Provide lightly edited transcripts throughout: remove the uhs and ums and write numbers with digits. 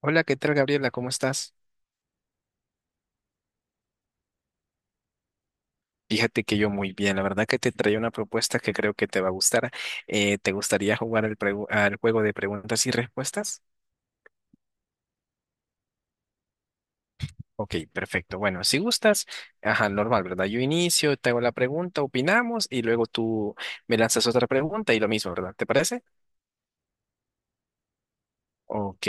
Hola, ¿qué tal, Gabriela? ¿Cómo estás? Fíjate que yo muy bien. La verdad que te traía una propuesta que creo que te va a gustar. ¿Te gustaría jugar al juego de preguntas y respuestas? Ok, perfecto. Bueno, si gustas, ajá, normal, ¿verdad? Yo inicio, te hago la pregunta, opinamos y luego tú me lanzas otra pregunta y lo mismo, ¿verdad? ¿Te parece? Ok.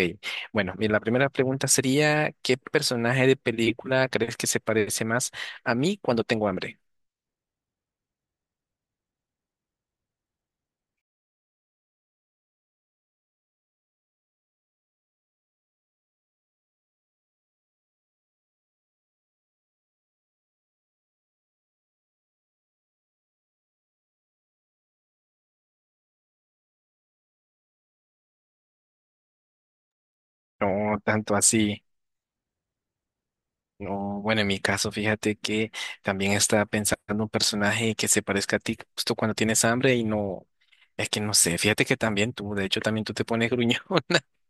Bueno, mira, la primera pregunta sería, ¿qué personaje de película crees que se parece más a mí cuando tengo hambre? No, tanto así. No, bueno, en mi caso, fíjate que también estaba pensando un personaje que se parezca a ti justo cuando tienes hambre y no, es que no sé, fíjate que también tú, de hecho también tú te pones gruñón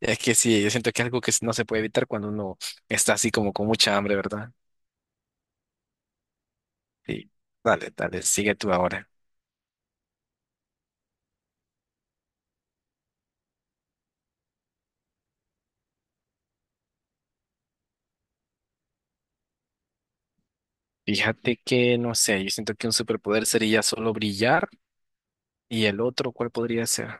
es que sí, yo siento que es algo que no se puede evitar cuando uno está así como con mucha hambre, ¿verdad? Sí, dale, dale, sigue tú ahora. Fíjate que, no sé, yo siento que un superpoder sería solo brillar y el otro, ¿cuál podría ser?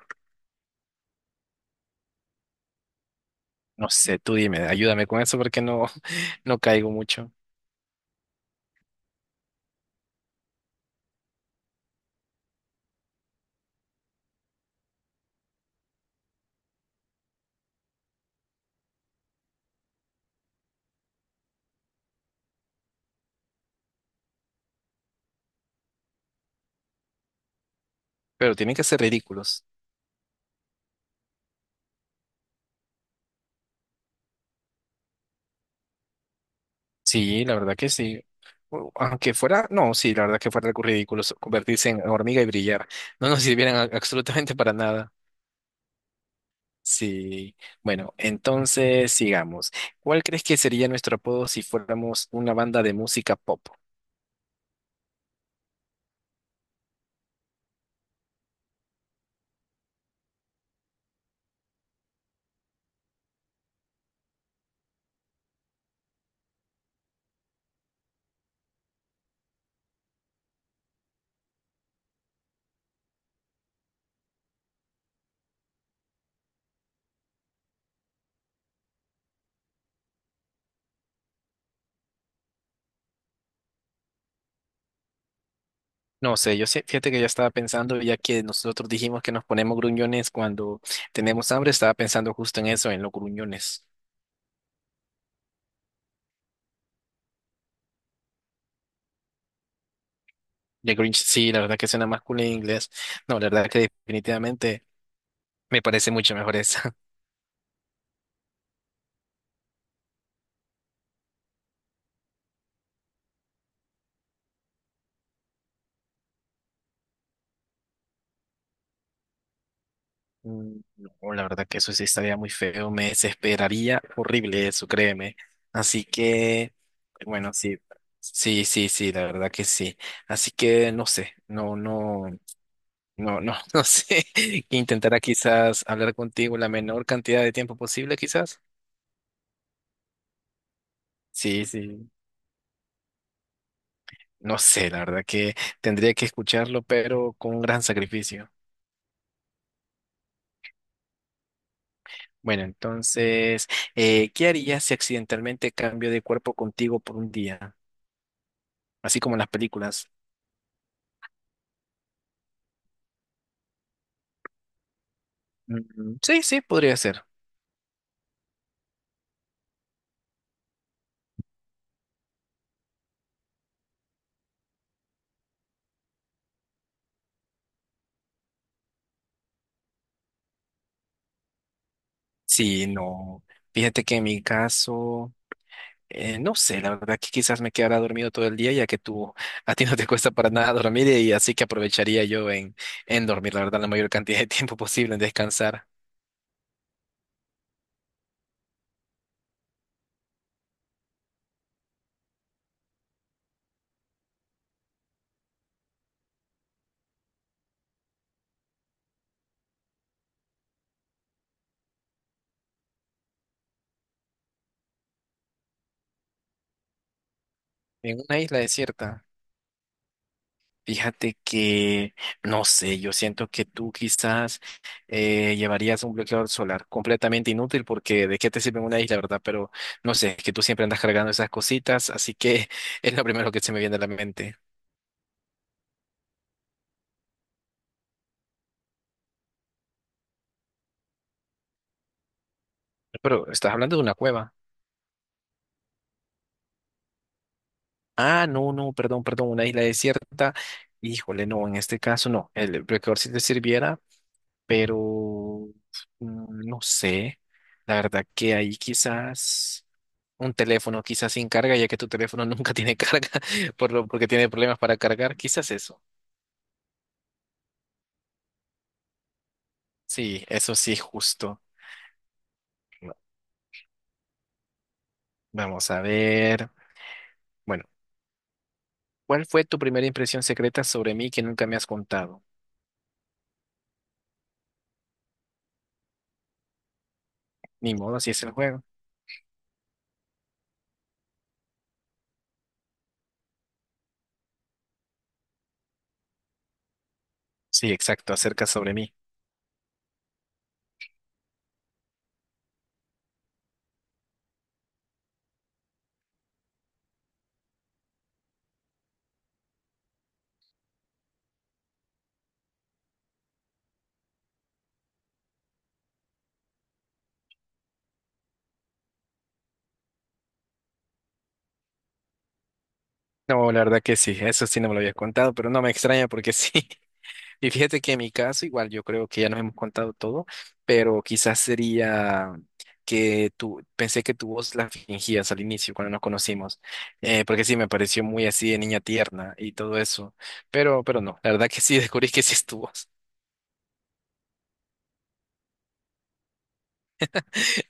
No sé, tú dime, ayúdame con eso porque no, no caigo mucho, pero tienen que ser ridículos. Sí, la verdad que sí. Aunque fuera, no, sí, la verdad que fuera algo ridículo convertirse en hormiga y brillar. No nos sirvieran absolutamente para nada. Sí. Bueno, entonces sigamos. ¿Cuál crees que sería nuestro apodo si fuéramos una banda de música pop? No sé, yo sé, fíjate que ya estaba pensando, ya que nosotros dijimos que nos ponemos gruñones cuando tenemos hambre, estaba pensando justo en eso, en los gruñones. De Grinch, sí, la verdad que suena más cool en inglés. No, la verdad que definitivamente me parece mucho mejor eso. No, la verdad que eso sí estaría muy feo, me desesperaría horrible eso, créeme. Así que, bueno, sí, sí, sí, sí, la verdad que sí. Así que no sé, no, no, no, no, no sé. Intentará quizás hablar contigo la menor cantidad de tiempo posible, quizás. Sí, sí, no sé, la verdad que tendría que escucharlo, pero con un gran sacrificio. Bueno, entonces, ¿qué harías si accidentalmente cambio de cuerpo contigo por un día? Así como en las películas. Sí, sí, podría ser. Sí, no. Fíjate que en mi caso, no sé, la verdad que quizás me quedara dormido todo el día, ya que tú, a ti no te cuesta para nada dormir y así que aprovecharía yo en dormir, la verdad, la mayor cantidad de tiempo posible, en descansar en una isla desierta. Fíjate que, no sé, yo siento que tú quizás llevarías un bloqueador solar completamente inútil porque de qué te sirve en una isla, ¿verdad? Pero no sé, es que tú siempre andas cargando esas cositas, así que es lo primero que se me viene a la mente. Pero estás hablando de una cueva. Ah, no, no, perdón, perdón, una isla desierta. Híjole, no, en este caso no, el bloqueador sí te sirviera, pero no sé, la verdad que ahí quizás... un teléfono quizás sin carga, ya que tu teléfono nunca tiene carga, porque tiene problemas para cargar, quizás eso. Sí, eso sí, justo. Va- Vamos a ver. Bueno, ¿cuál fue tu primera impresión secreta sobre mí que nunca me has contado? Ni modo, así es el juego. Sí, exacto, acerca sobre mí. No, la verdad que sí, eso sí no me lo habías contado, pero no me extraña porque sí. Y fíjate que en mi caso, igual yo creo que ya nos hemos contado todo, pero quizás sería que tú, pensé que tu voz la fingías al inicio cuando nos conocimos, porque sí, me pareció muy así de niña tierna y todo eso, pero no, la verdad que sí, descubrí que sí es tu voz.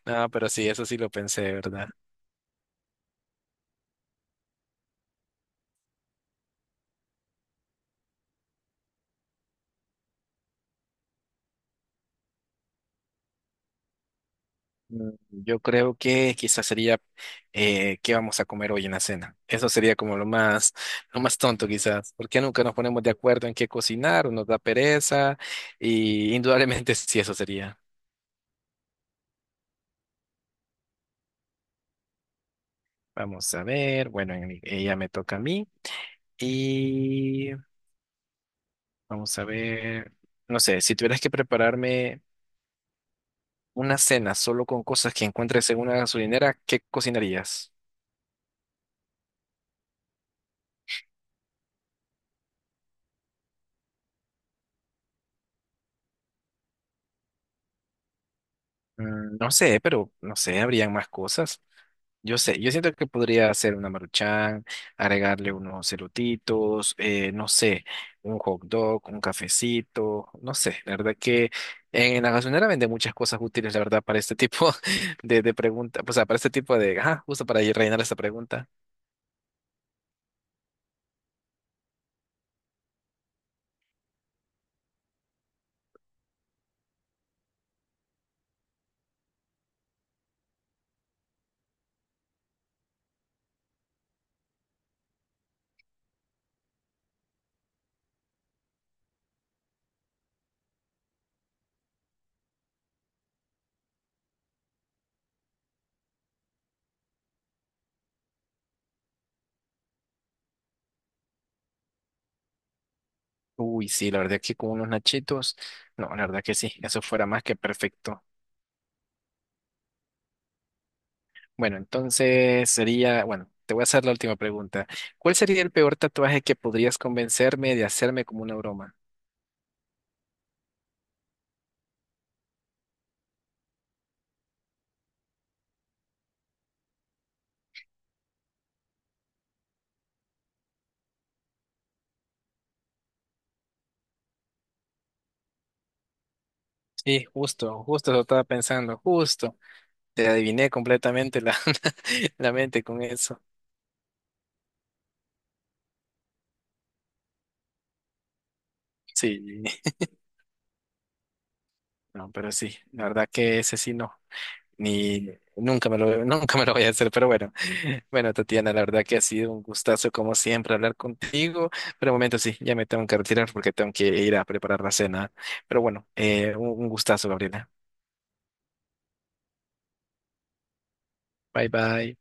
No, pero sí, eso sí lo pensé, ¿verdad? Yo creo que quizás sería qué vamos a comer hoy en la cena. Eso sería como lo más tonto quizás, porque nunca nos ponemos de acuerdo en qué cocinar o nos da pereza y indudablemente sí, eso sería. Vamos a ver, bueno, ella me toca a mí y vamos a ver, no sé, si tuvieras que prepararme una cena solo con cosas que encuentres en una gasolinera, ¿qué cocinarías? No sé, pero no sé, habrían más cosas. Yo sé, yo siento que podría hacer una maruchan, agregarle unos elotitos, no sé, un hot dog, un cafecito, no sé, la verdad que en la gasolinera venden muchas cosas útiles, la verdad, para este tipo de pregunta o sea, para este tipo de, ah, justo para ir rellenar esta pregunta. Uy, sí, la verdad que con unos nachitos, no, la verdad que sí, eso fuera más que perfecto. Bueno, entonces sería, bueno, te voy a hacer la última pregunta. ¿Cuál sería el peor tatuaje que podrías convencerme de hacerme como una broma? Sí, justo, justo lo estaba pensando, justo. Te adiviné completamente la, la mente con eso. Sí, no, pero sí, la verdad que ese sí no. Ni nunca me lo, nunca me lo voy a hacer, pero bueno. Bueno, Tatiana, la verdad que ha sido un gustazo como siempre hablar contigo. Pero un momento sí, ya me tengo que retirar porque tengo que ir a preparar la cena. Pero bueno, un gustazo, Gabriela. Bye bye.